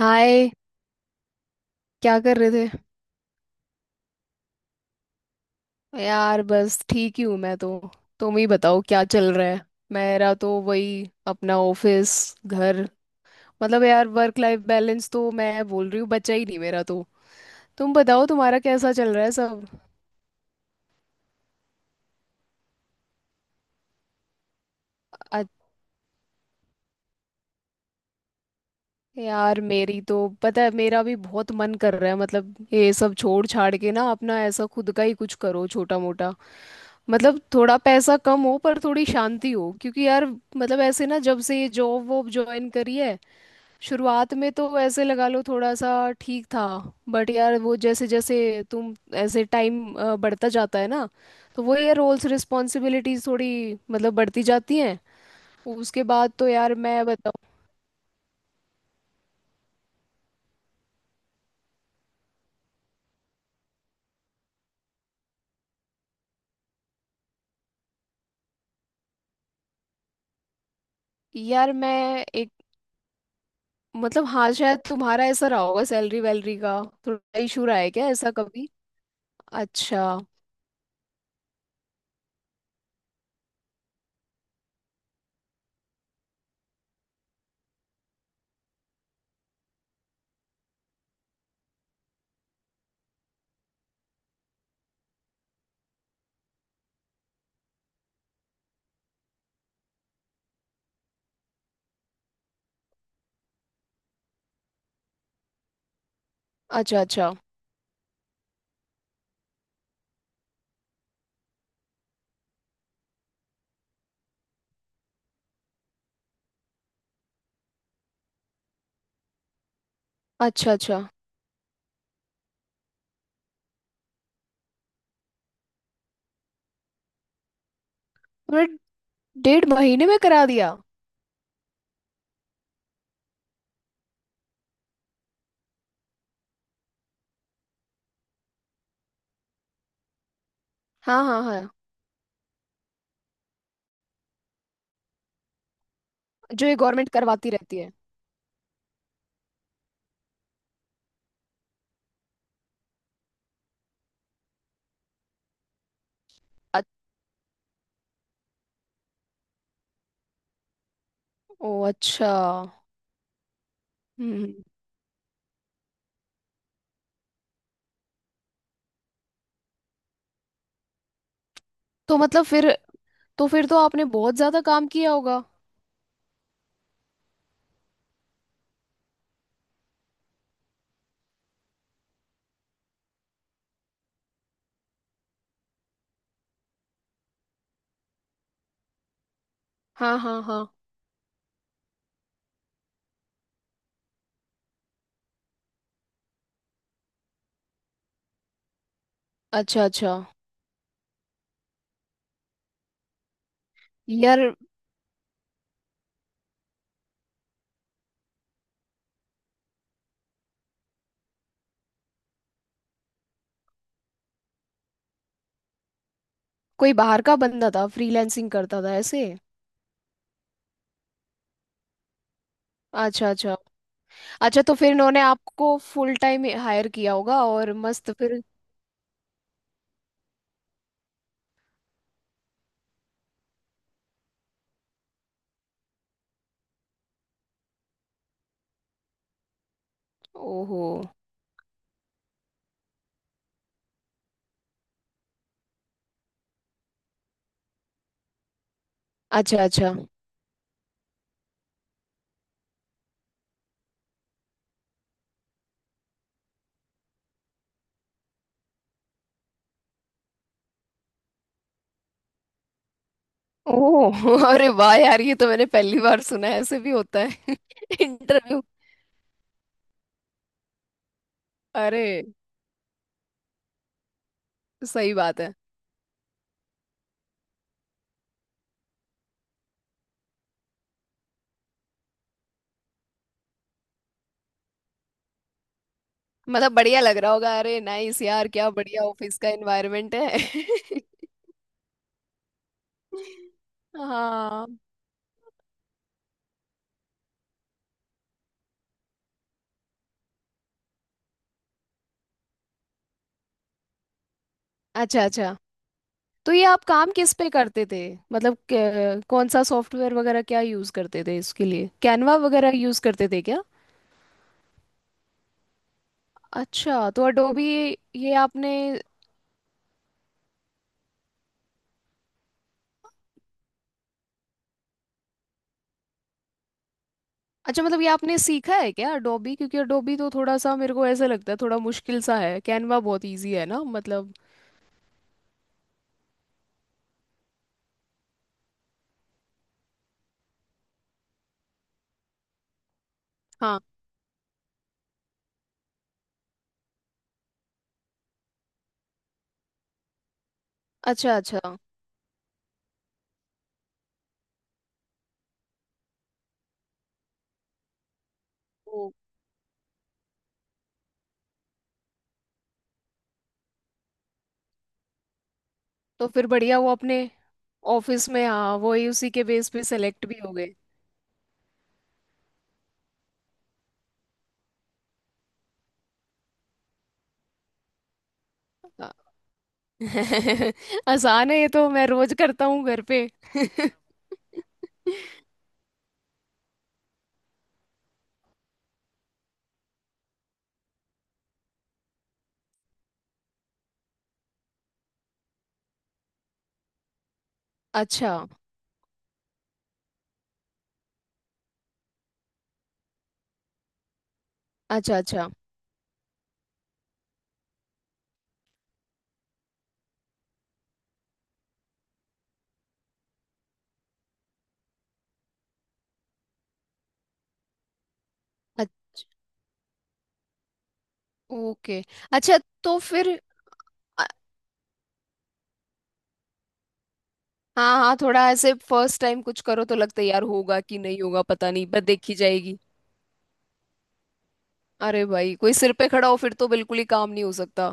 हाय। क्या कर रहे थे? यार, बस ठीक ही हूँ मैं तो। तुम ही बताओ, क्या चल रहा है? मेरा तो वही, अपना ऑफिस, घर। मतलब यार, वर्क लाइफ बैलेंस तो मैं बोल रही हूँ बचा ही नहीं मेरा तो। तुम बताओ, तुम्हारा कैसा चल रहा है सब? अ- यार, मेरी तो पता है, मेरा भी बहुत मन कर रहा है, मतलब ये सब छोड़ छाड़ के ना, अपना ऐसा खुद का ही कुछ करो, छोटा मोटा। मतलब थोड़ा पैसा कम हो पर थोड़ी शांति हो, क्योंकि यार, मतलब ऐसे ना, जब से ये जॉब वॉब ज्वाइन करी है, शुरुआत में तो ऐसे लगा लो थोड़ा सा ठीक था। बट यार वो, जैसे जैसे तुम ऐसे टाइम बढ़ता जाता है ना, तो वो ये रोल्स रिस्पॉन्सिबिलिटीज थोड़ी मतलब बढ़ती जाती हैं। उसके बाद तो यार मैं बताऊँ। यार मैं एक मतलब, हाँ, शायद तुम्हारा ऐसा रहा होगा, सैलरी वैलरी का थोड़ा इशू रहा है क्या ऐसा कभी? अच्छा, अच्छा। अच्छा, अच्छा, अच्छा। तुमने 1.5 महीने में करा दिया? हाँ, हाँ, हाँ, जो ये गवर्नमेंट करवाती रहती है। अ- ओ, अच्छा। हम्म। तो मतलब फिर तो आपने बहुत ज्यादा काम किया होगा। हाँ, हाँ, हाँ। अच्छा, अच्छा। यार, कोई बाहर का बंदा था, फ्रीलैंसिंग करता था ऐसे? अच्छा, अच्छा, अच्छा। तो फिर इन्होंने आपको फुल टाइम हायर किया होगा और मस्त फिर। ओहो। अच्छा, अच्छा। ओह! अरे वाह यार, ये तो मैंने पहली बार सुना है, ऐसे भी होता है इंटरव्यू। अरे, सही बात है। मतलब बढ़िया लग रहा होगा, अरे नाइस यार, क्या बढ़िया ऑफिस का एनवायरनमेंट है। हाँ। अच्छा, अच्छा। तो ये आप काम किस पे करते थे? मतलब कौन सा सॉफ्टवेयर वगैरह क्या यूज़ करते थे इसके लिए, कैनवा वगैरह यूज़ करते थे क्या? अच्छा, तो अडोबी। ये आपने अच्छा, मतलब ये आपने सीखा है क्या अडोबी? क्योंकि अडोबी तो थोड़ा सा मेरे को ऐसा लगता है थोड़ा मुश्किल सा है, कैनवा बहुत इजी है ना मतलब। हाँ। अच्छा, अच्छा। ओ, तो फिर बढ़िया, वो अपने ऑफिस में, हाँ वही, उसी के बेस पे सेलेक्ट भी हो गए। आ- आसान है, ये तो मैं रोज करता हूँ घर पे। अच्छा, अच्छा, अच्छा। अच- ओके। अच्छा, तो फिर। अ- हाँ, हाँ, थोड़ा ऐसे फर्स्ट टाइम कुछ करो तो लगता है यार, होगा कि नहीं होगा पता नहीं, पर देखी जाएगी। अरे भाई, कोई सिर पे खड़ा हो फिर तो बिल्कुल ही काम नहीं हो सकता,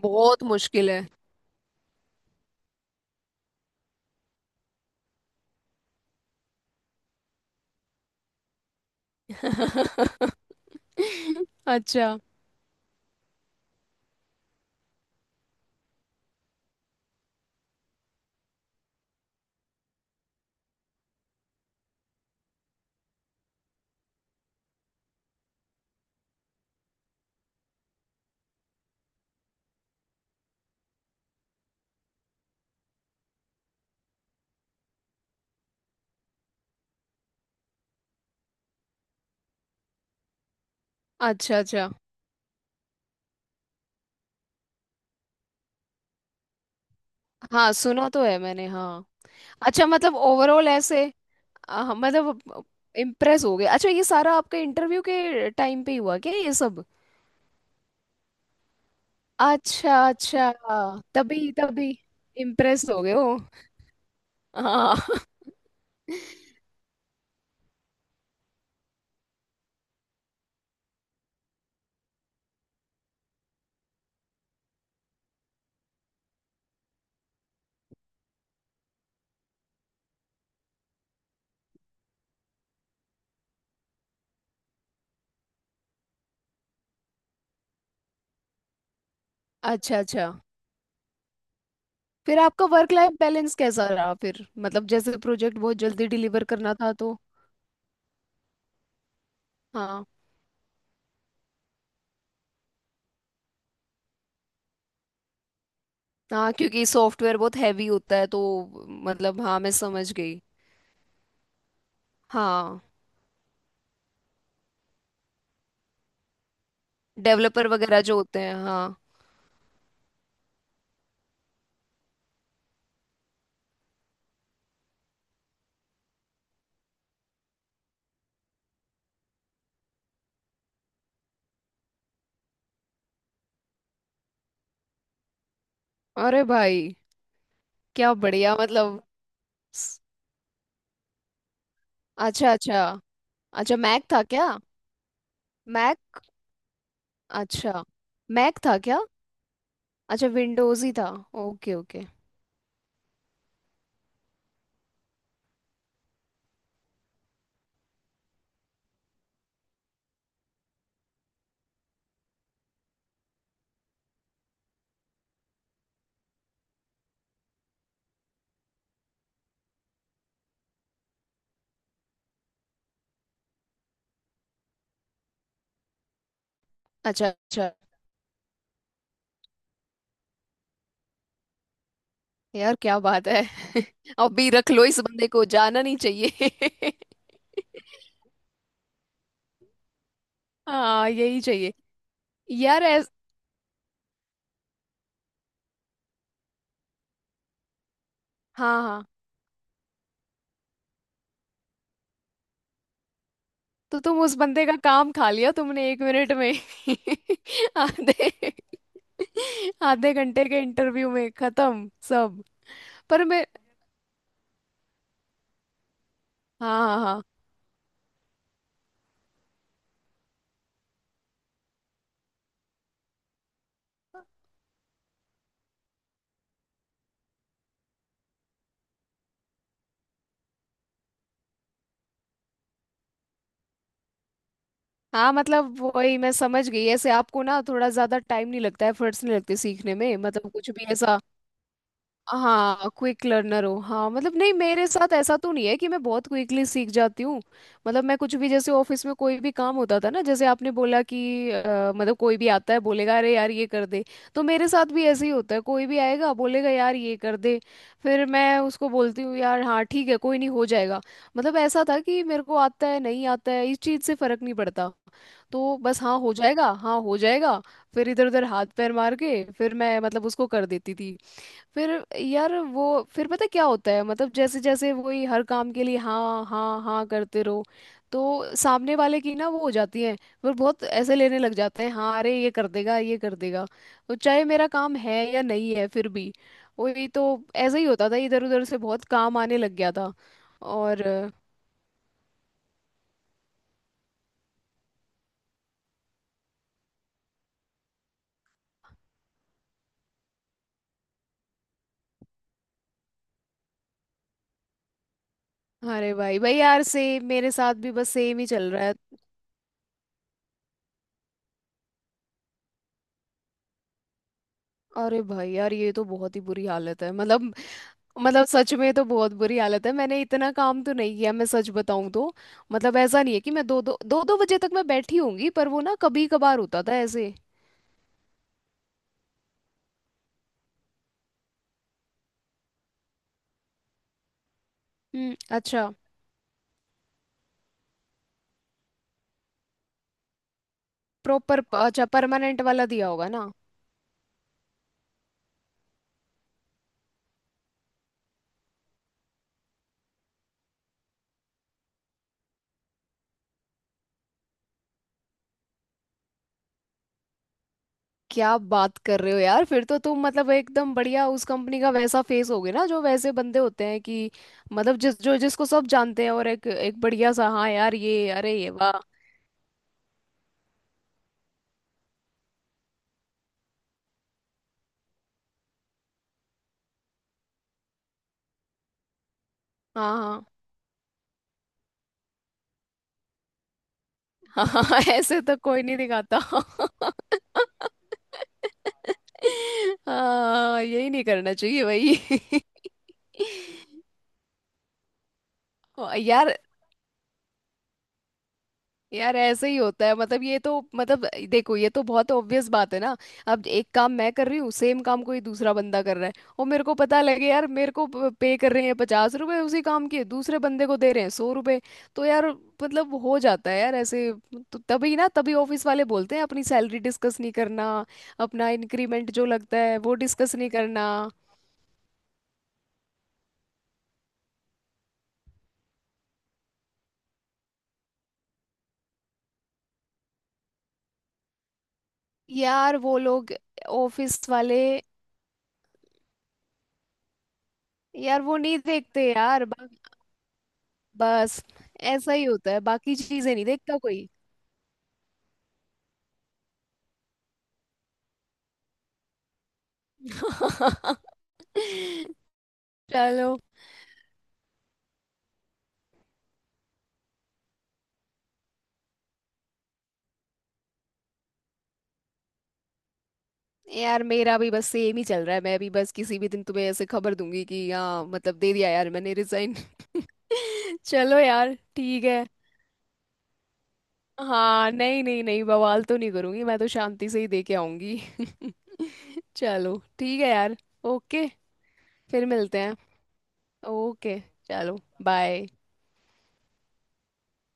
बहुत मुश्किल है। अच्छा, अच्छा, अच्छा। हाँ, सुना तो है मैंने, हाँ। अच्छा, मतलब ओवरऑल ऐसे, हाँ, मतलब इम्प्रेस हो गए। अच्छा, ये सारा आपका इंटरव्यू के टाइम पे ही हुआ क्या ये सब? अच्छा, अच्छा। तभी, तभी इम्प्रेस हो गए हो। हाँ। अच्छा, अच्छा। फिर आपका वर्क लाइफ बैलेंस कैसा रहा फिर? मतलब जैसे प्रोजेक्ट बहुत जल्दी डिलीवर करना था तो। हाँ, हाँ, क्योंकि सॉफ्टवेयर बहुत हैवी होता है तो। मतलब हाँ, मैं समझ गई। हाँ, डेवलपर वगैरह जो होते हैं, हाँ। अरे भाई, क्या बढ़िया मतलब। स- अच्छा, अच्छा, अच्छा। मैक था क्या? मैक? अच्छा, मैक था क्या? अच्छा, विंडोज ही था। Okay, okay. अच्छा, अच्छा। यार क्या बात है! अभी रख लो इस बंदे को, जाना नहीं चाहिए। हाँ, यही चाहिए। यार ऐस हाँ, हाँ। तो तुम उस बंदे का काम खा लिया तुमने एक मिनट में। आधे, आधे घंटे के इंटरव्यू में खत्म सब। पर मैं हाँ, हाँ, हाँ, हाँ। मतलब वही मैं समझ गई, ऐसे आपको ना थोड़ा ज्यादा टाइम नहीं लगता है, एफर्ट्स नहीं लगते सीखने में, मतलब कुछ भी ऐसा। हाँ, क्विक लर्नर हो, हाँ। मतलब नहीं, मेरे साथ ऐसा तो नहीं है कि मैं बहुत क्विकली सीख जाती हूँ। मतलब मैं कुछ भी जैसे ऑफिस में कोई भी काम होता था ना, जैसे आपने बोला कि मतलब कोई भी आता है बोलेगा अरे यार, ये कर दे। तो मेरे साथ भी ऐसे ही होता है, कोई भी आएगा बोलेगा यार, ये कर दे। फिर मैं उसको बोलती हूँ, यार हाँ ठीक है, कोई नहीं, हो जाएगा। मतलब ऐसा था कि मेरे को आता है नहीं आता है, इस चीज़ से फर्क नहीं पड़ता। तो बस हाँ हो जाएगा, हाँ हो जाएगा। फिर इधर उधर हाथ पैर मार के फिर मैं मतलब उसको कर देती थी। फिर यार वो, फिर पता क्या होता है, मतलब जैसे जैसे वही हर काम के लिए हाँ, हाँ, हाँ करते रहो। तो सामने वाले की ना वो हो जाती है, फिर बहुत ऐसे लेने लग जाते हैं हाँ, अरे ये कर देगा, ये कर देगा। तो चाहे मेरा काम है या नहीं है फिर भी, वही तो ऐसे ही होता था, इधर उधर से बहुत काम आने लग गया था। और, अरे भाई भाई यार, सेम मेरे साथ भी बस सेम ही चल रहा है। अरे भाई यार, ये तो बहुत ही बुरी हालत है मतलब सच में तो बहुत बुरी हालत है। मैंने इतना काम तो नहीं किया, मैं सच बताऊं तो। मतलब ऐसा नहीं है कि मैं दो, दो, दो, दो बजे तक मैं बैठी होंगी, पर वो ना कभी कभार होता था ऐसे। हम्म, अच्छा। प्रॉपर, अच्छा, परमानेंट वाला दिया होगा ना। क्या बात कर रहे हो यार, फिर तो तुम मतलब एकदम बढ़िया उस कंपनी का वैसा फेस होगे ना, जो वैसे बंदे होते हैं कि, मतलब जिसको सब जानते हैं, और एक एक बढ़िया सा, हाँ यार ये, अरे ये, वाह। हाँ, हाँ। हाँ, हाँ, ऐसे तो कोई नहीं दिखाता। हाँ, यही नहीं करना चाहिए भाई। ओ, यार यार, ऐसे ही होता है मतलब, ये तो मतलब, देखो ये तो बहुत ऑब्वियस बात है ना। अब एक काम मैं कर रही हूँ, सेम काम कोई दूसरा बंदा कर रहा है, और मेरे को पता लगे यार, मेरे को पे कर रहे हैं 50 रुपए, उसी काम के दूसरे बंदे को दे रहे हैं 100 रुपए। तो यार, मतलब हो जाता है यार ऐसे। तो तभी ना, तभी ऑफिस वाले बोलते हैं अपनी सैलरी डिस्कस नहीं करना, अपना इंक्रीमेंट जो लगता है वो डिस्कस नहीं करना। यार वो लोग, ऑफिस वाले यार, वो नहीं देखते यार। बस ऐसा ही होता है, बाकी चीजें नहीं देखता कोई। चलो यार, मेरा भी बस सेम ही चल रहा है, मैं भी बस किसी भी दिन तुम्हें ऐसे खबर दूंगी कि हाँ, मतलब दे दिया यार मैंने रिजाइन। चलो यार ठीक है। हाँ, नहीं, नहीं, नहीं, बवाल तो नहीं करूंगी, मैं तो शांति से ही दे के आऊंगी। चलो ठीक है यार। ओके। फिर मिलते हैं। ओके, चलो, बाय।